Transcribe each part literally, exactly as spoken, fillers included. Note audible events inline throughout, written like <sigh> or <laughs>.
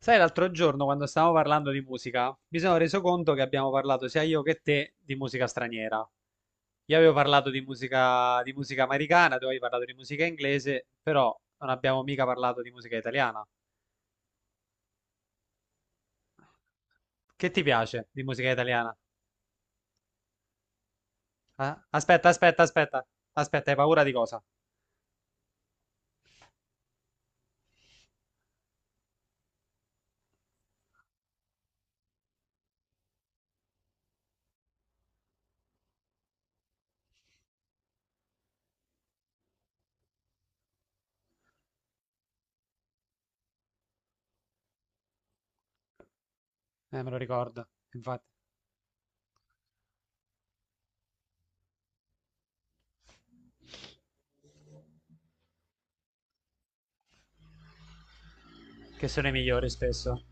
Sai, l'altro giorno quando stavamo parlando di musica, mi sono reso conto che abbiamo parlato sia io che te di musica straniera. Io avevo parlato di musica, di musica americana, tu avevi parlato di musica inglese, però non abbiamo mica parlato di musica italiana. Che ti piace di musica italiana? Ah, Aspetta, aspetta, aspetta, aspetta, hai paura di cosa? Eh, me lo ricordo, infatti, che sono i migliori spesso.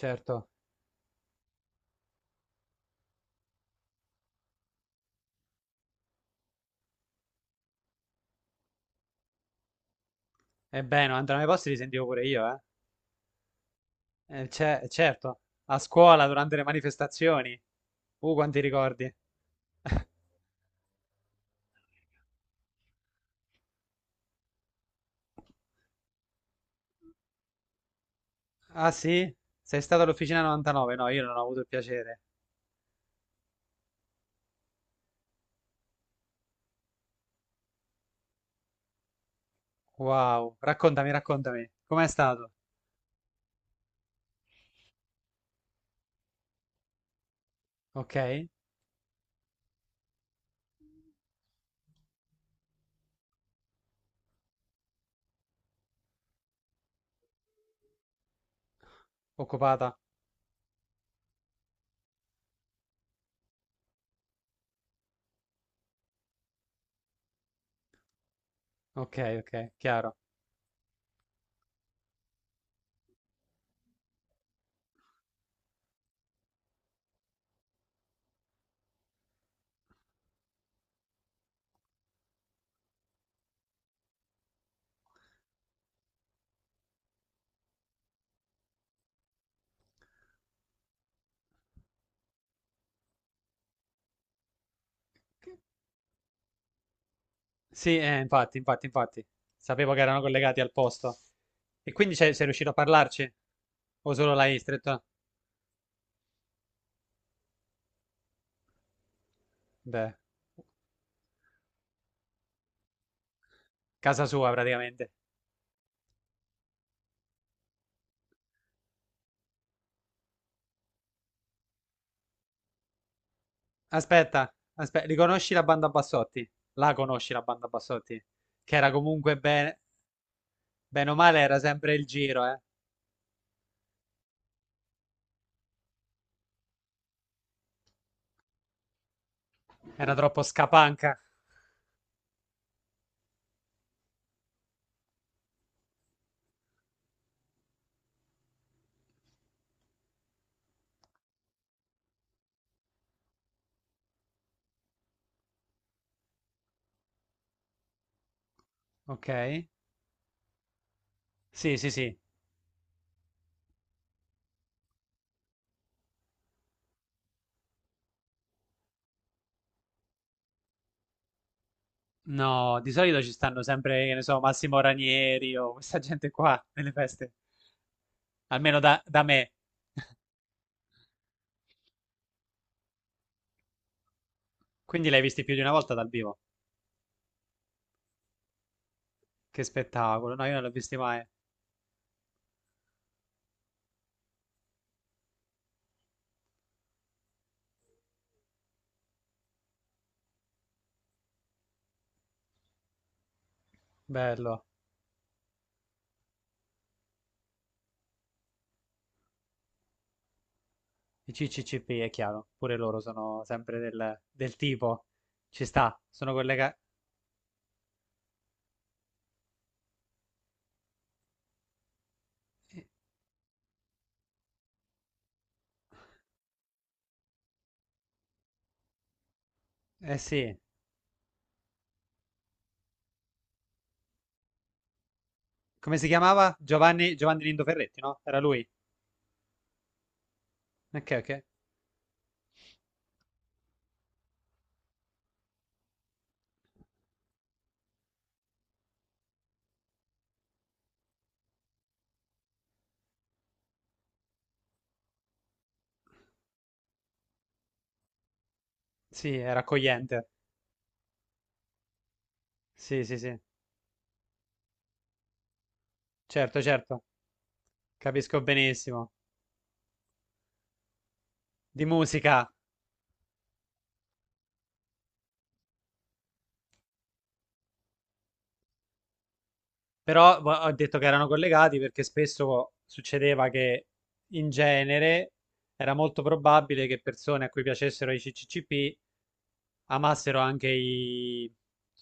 Certo, e beh, non andranno ai posti li sentivo pure io, eh. Eh, ce- certo, a scuola durante le manifestazioni. Uh, quanti ricordi. <laughs> Ah sì? Sei stato all'Officina novantanove? No, io non ho avuto il piacere. Wow, raccontami, raccontami. Com'è stato? Ok, occupata. Ok, ok, chiaro. Sì, eh, infatti, infatti, infatti. Sapevo che erano collegati al posto. E quindi sei, sei riuscito a parlarci? O solo l'hai stretto? Beh, casa sua praticamente. Aspetta, aspetta, riconosci la banda Bassotti? La conosci la banda Bassotti? Che era comunque bene, bene o male, era sempre il giro, eh? Era troppo scapanca. Ok? Sì, sì, sì. No, di solito ci stanno sempre, che ne so, Massimo Ranieri o questa <laughs> gente qua nelle feste, almeno da, da me. Quindi l'hai visti più di una volta dal vivo. Che spettacolo, no, io non l'ho visti mai. Bello. I C C C P è chiaro, pure loro sono sempre del, del tipo. Ci sta, sono collegati. Eh sì. Come si chiamava? Giovanni, Giovanni Lindo Ferretti, no? Era lui. Ok, ok. Sì, era accogliente. Sì, sì, sì. Certo, certo. Capisco benissimo. Di musica. Però vo- ho detto che erano collegati perché spesso succedeva che in genere era molto probabile che persone a cui piacessero i C C C P amassero anche i,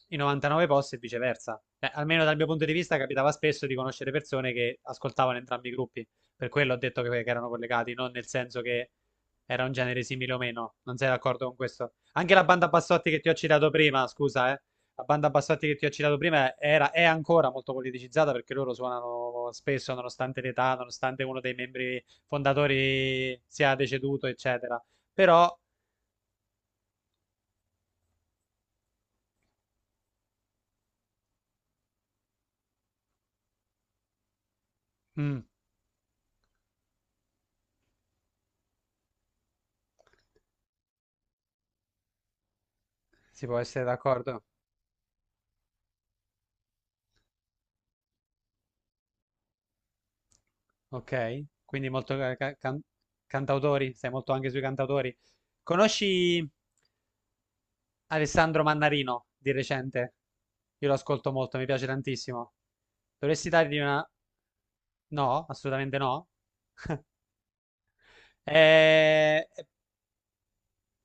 i novantanove post e viceversa. Beh, almeno dal mio punto di vista capitava spesso di conoscere persone che ascoltavano entrambi i gruppi, per quello ho detto che, che erano collegati, non nel senso che era un genere simile o meno, non sei d'accordo con questo? Anche la banda Bassotti che ti ho citato prima, scusa, eh. La banda Bassotti che ti ho citato prima era, è ancora molto politicizzata perché loro suonano spesso, nonostante l'età, nonostante uno dei membri fondatori sia deceduto, eccetera. Però, mm, si può essere d'accordo. Ok, quindi molto ca- ca- can- cantautori, sei molto anche sui cantautori. Conosci Alessandro Mannarino di recente? Io lo ascolto molto, mi piace tantissimo. Dovresti dargli una... No, assolutamente no. Eh,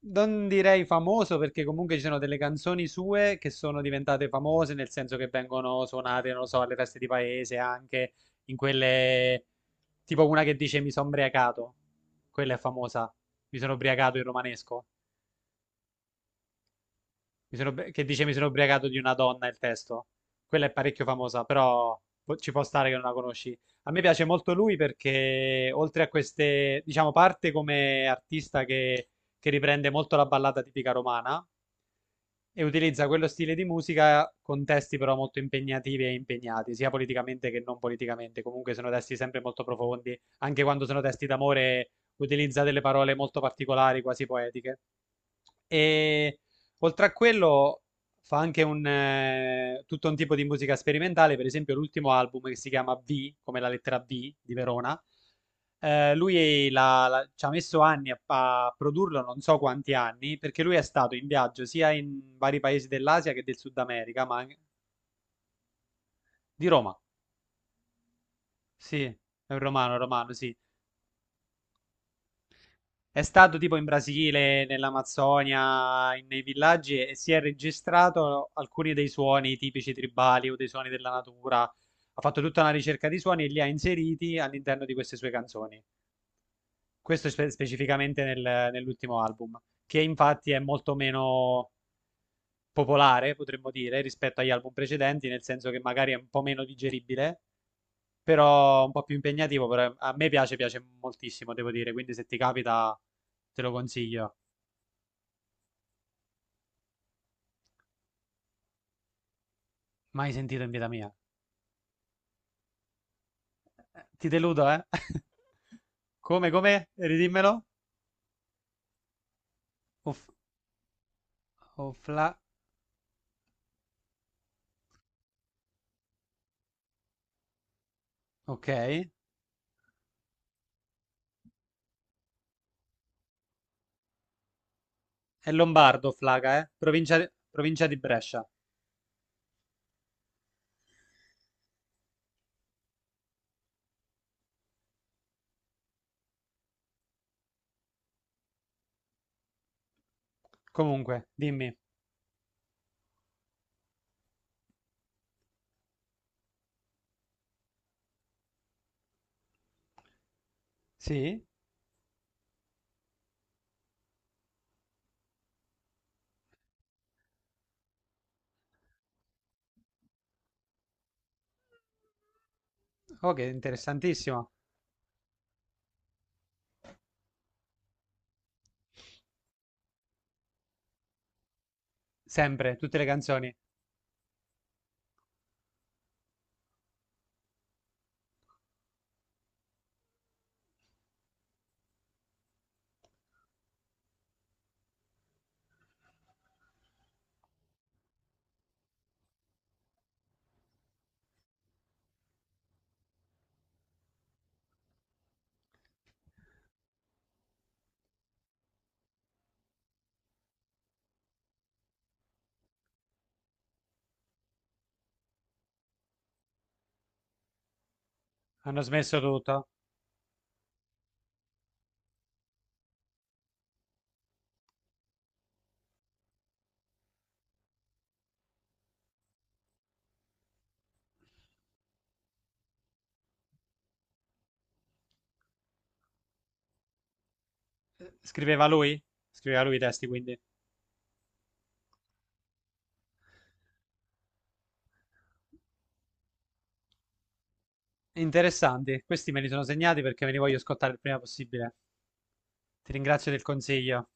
Non direi famoso perché comunque ci sono delle canzoni sue che sono diventate famose, nel senso che vengono suonate, non lo so, alle feste di paese, anche in quelle... tipo una che dice mi sono ubriacato, quella è famosa, mi sono ubriacato in romanesco. Mi sono ubri- che dice mi sono ubriacato di una donna, il testo. Quella è parecchio famosa, però po- ci può stare che non la conosci. A me piace molto lui perché oltre a queste, diciamo, parte come artista che, che riprende molto la ballata tipica romana e utilizza quello stile di musica con testi però molto impegnativi e impegnati, sia politicamente che non politicamente. Comunque sono testi sempre molto profondi, anche quando sono testi d'amore utilizza delle parole molto particolari, quasi poetiche. E oltre a quello fa anche un, eh, tutto un tipo di musica sperimentale, per esempio l'ultimo album che si chiama V, come la lettera V di Verona. eh, lui l'ha- l'ha- ci ha messo anni a, a produrlo, non so quanti anni, perché lui è stato in viaggio sia in vari paesi dell'Asia che del Sud America, ma anche di Roma. Sì, è un romano, romano, sì. È stato tipo in Brasile, nell'Amazzonia, in- nei villaggi e si è registrato alcuni dei suoni tipici tribali o dei suoni della natura. Ha fatto tutta una ricerca di suoni e li ha inseriti all'interno di queste sue canzoni. Questo spe- specificamente nel- nell'ultimo album, che infatti è molto meno popolare, potremmo dire, rispetto agli album precedenti, nel senso che magari è un po' meno digeribile, però un po' più impegnativo, però a me piace, piace moltissimo, devo dire, quindi se ti capita te lo consiglio. Mai sentito in vita mia. Eh, Ti deludo, eh? <laughs> Come, come? Ridimmelo. Of- Ofla... Ok. È Lombardo, Flaga, eh? Provincia di... provincia di Brescia. Comunque, dimmi. Sì? Oh, che interessantissimo. Sempre, tutte le canzoni. Hanno smesso tutto. Eh, Scriveva lui? Scriveva lui i testi, quindi. Interessanti. Questi me li sono segnati perché me li voglio ascoltare il prima possibile. Ti ringrazio del consiglio.